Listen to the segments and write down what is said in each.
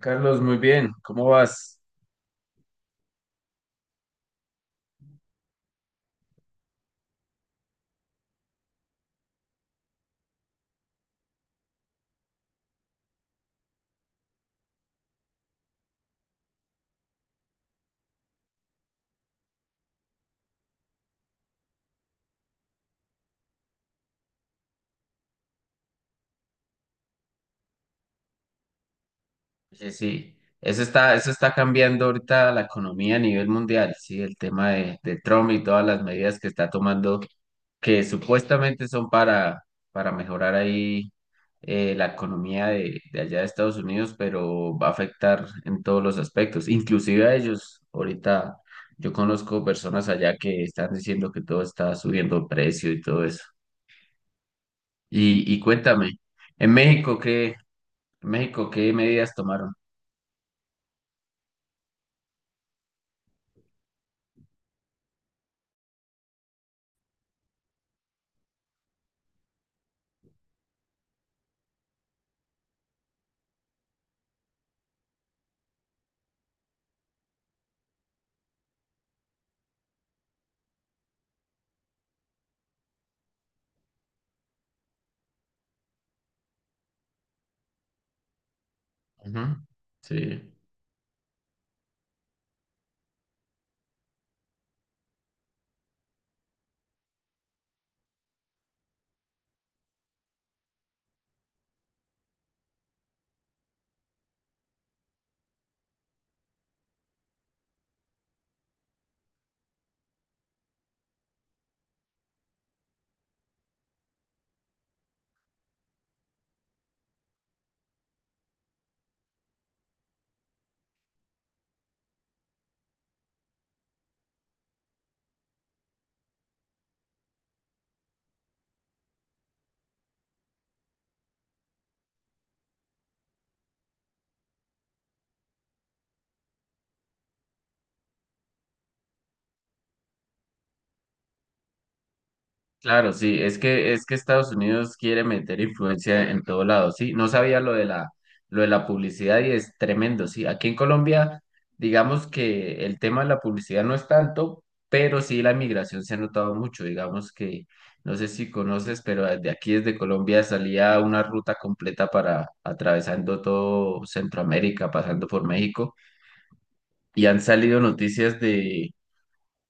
Carlos, muy bien, ¿cómo vas? Sí, sí, eso está cambiando ahorita la economía a nivel mundial, sí, el tema de Trump y todas las medidas que está tomando, que supuestamente son para mejorar ahí la economía de allá de Estados Unidos, pero va a afectar en todos los aspectos, inclusive a ellos. Ahorita yo conozco personas allá que están diciendo que todo está subiendo de precio y todo eso. Y cuéntame, en México, ¿qué? México, ¿qué medidas tomaron? Ujú. Sí, claro, sí, es que Estados Unidos quiere meter influencia en todo lado, sí, no sabía lo de la publicidad y es tremendo, sí. Aquí en Colombia, digamos que el tema de la publicidad no es tanto, pero sí la migración se ha notado mucho, digamos que no sé si conoces, pero de aquí desde Colombia salía una ruta completa para atravesando todo Centroamérica, pasando por México y han salido noticias de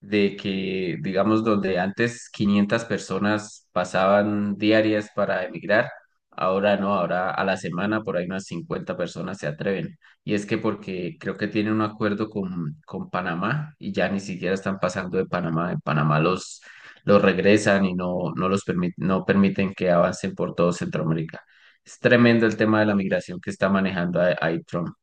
de que, digamos, donde antes 500 personas pasaban diarias para emigrar, ahora no, ahora a la semana por ahí unas 50 personas se atreven. Y es que porque creo que tienen un acuerdo con Panamá y ya ni siquiera están pasando de Panamá. En Panamá los regresan y no, no permiten que avancen por todo Centroamérica. Es tremendo el tema de la migración que está manejando ahí Trump.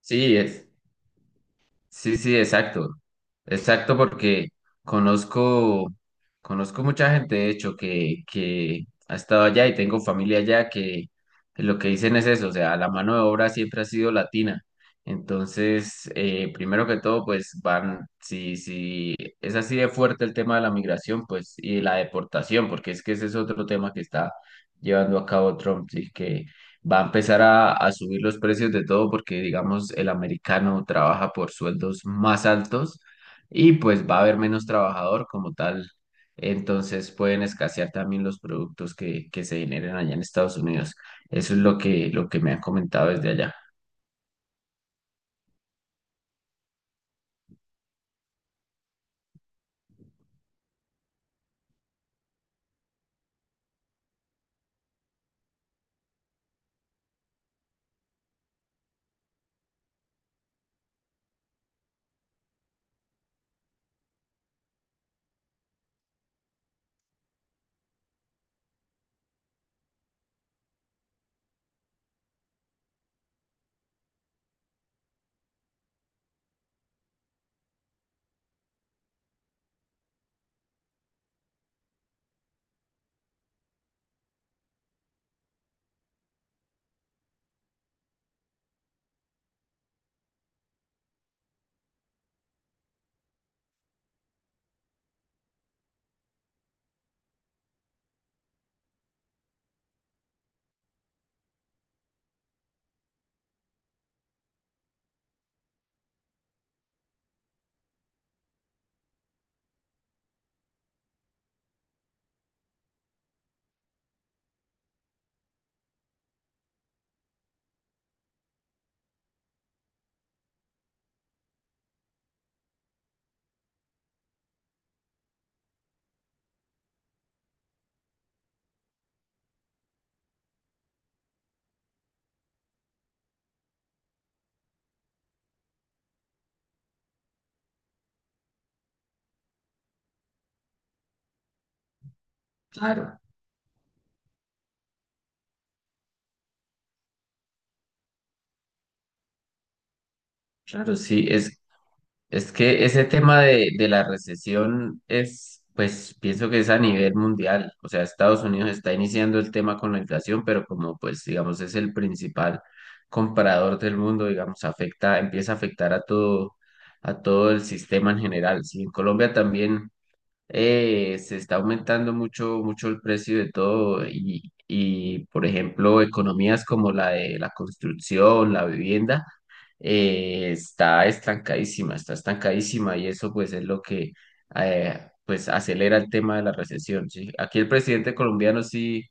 Sí, es. Sí, sí, exacto. Exacto, porque conozco, conozco mucha gente, de hecho, que ha estado allá y tengo familia allá que lo que dicen es eso, o sea, la mano de obra siempre ha sido latina. Entonces, primero que todo, pues van, si, si es así de fuerte el tema de la migración, pues, y la deportación, porque es que ese es otro tema que está llevando a cabo Trump, sí, que va a empezar a subir los precios de todo porque, digamos, el americano trabaja por sueldos más altos y pues va a haber menos trabajador como tal. Entonces pueden escasear también los productos que se generen allá en Estados Unidos. Eso es lo que me han comentado desde allá. Claro, claro, sí, es que ese tema de la recesión es, pues pienso que es a nivel mundial. O sea, Estados Unidos está iniciando el tema con la inflación, pero como pues digamos es el principal comprador del mundo, digamos, afecta, empieza a afectar a todo el sistema en general. Sí, en Colombia también se está aumentando mucho, mucho el precio de todo y, por ejemplo, economías como la de la construcción, la vivienda, está estancadísima y eso pues es lo que pues acelera el tema de la recesión, ¿sí? Aquí el presidente colombiano sí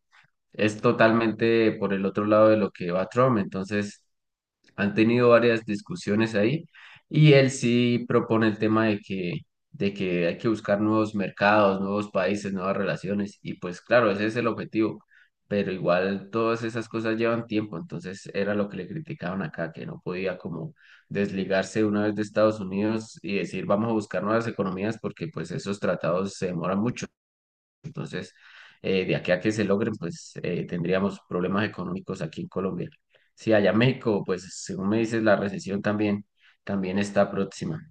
es totalmente por el otro lado de lo que va Trump, entonces han tenido varias discusiones ahí y él sí propone el tema de que hay que buscar nuevos mercados, nuevos países, nuevas relaciones y pues claro, ese es el objetivo, pero igual todas esas cosas llevan tiempo, entonces era lo que le criticaban acá, que no podía como desligarse una vez de Estados Unidos y decir vamos a buscar nuevas economías porque pues esos tratados se demoran mucho. Entonces, de aquí a que se logren, pues tendríamos problemas económicos aquí en Colombia. Sí, allá en México, pues según me dices, la recesión también, también está próxima.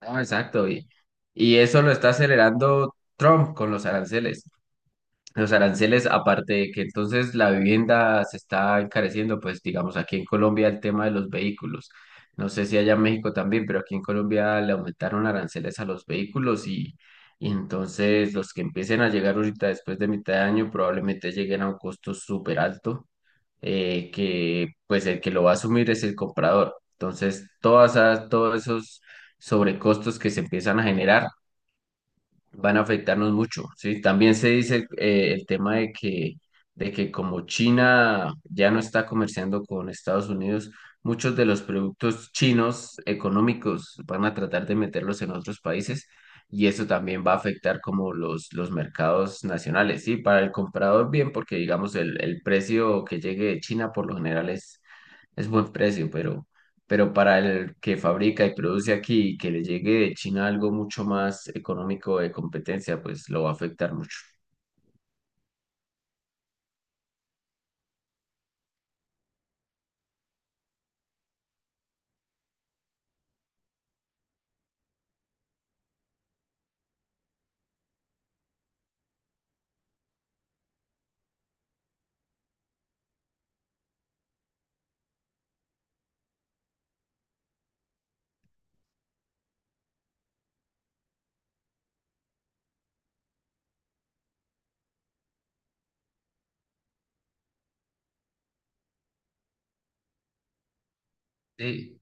Ah, exacto. Y eso lo está acelerando Trump con los aranceles. Los aranceles, aparte de que entonces la vivienda se está encareciendo, pues digamos aquí en Colombia el tema de los vehículos. No sé si allá en México también, pero aquí en Colombia le aumentaron aranceles a los vehículos y entonces los que empiecen a llegar ahorita después de mitad de año probablemente lleguen a un costo súper alto, que pues el que lo va a asumir es el comprador. Entonces todos esos sobrecostos que se empiezan a generar van a afectarnos mucho, ¿sí? También se dice el tema de que como China ya no está comerciando con Estados Unidos, muchos de los productos chinos económicos van a tratar de meterlos en otros países y eso también va a afectar como los mercados nacionales, ¿sí? Para el comprador bien, porque digamos el precio que llegue de China por lo general es buen precio, pero para el que fabrica y produce aquí, y que le llegue de China algo mucho más económico de competencia, pues lo va a afectar mucho. Sí,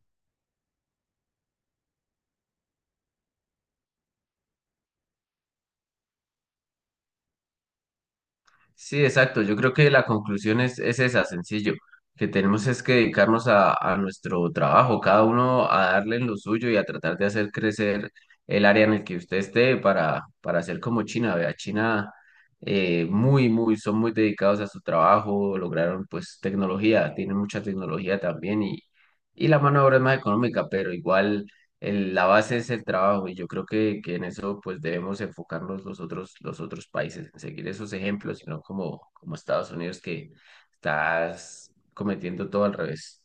sí, exacto. Yo creo que la conclusión es esa, sencillo, que tenemos es que dedicarnos a nuestro trabajo, cada uno a darle en lo suyo y a tratar de hacer crecer el área en el que usted esté para hacer como China. Vea, China muy, muy, son muy dedicados a su trabajo, lograron pues tecnología, tienen mucha tecnología también y la mano de obra es más económica, pero igual la base es el trabajo y yo creo que en eso pues debemos enfocarnos los otros países, en seguir esos ejemplos, sino como, como Estados Unidos que estás cometiendo todo al revés.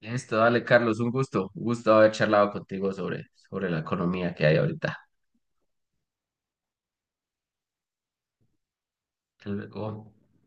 Listo, dale Carlos, un gusto haber charlado contigo sobre, sobre la economía que hay ahorita. Hasta luego.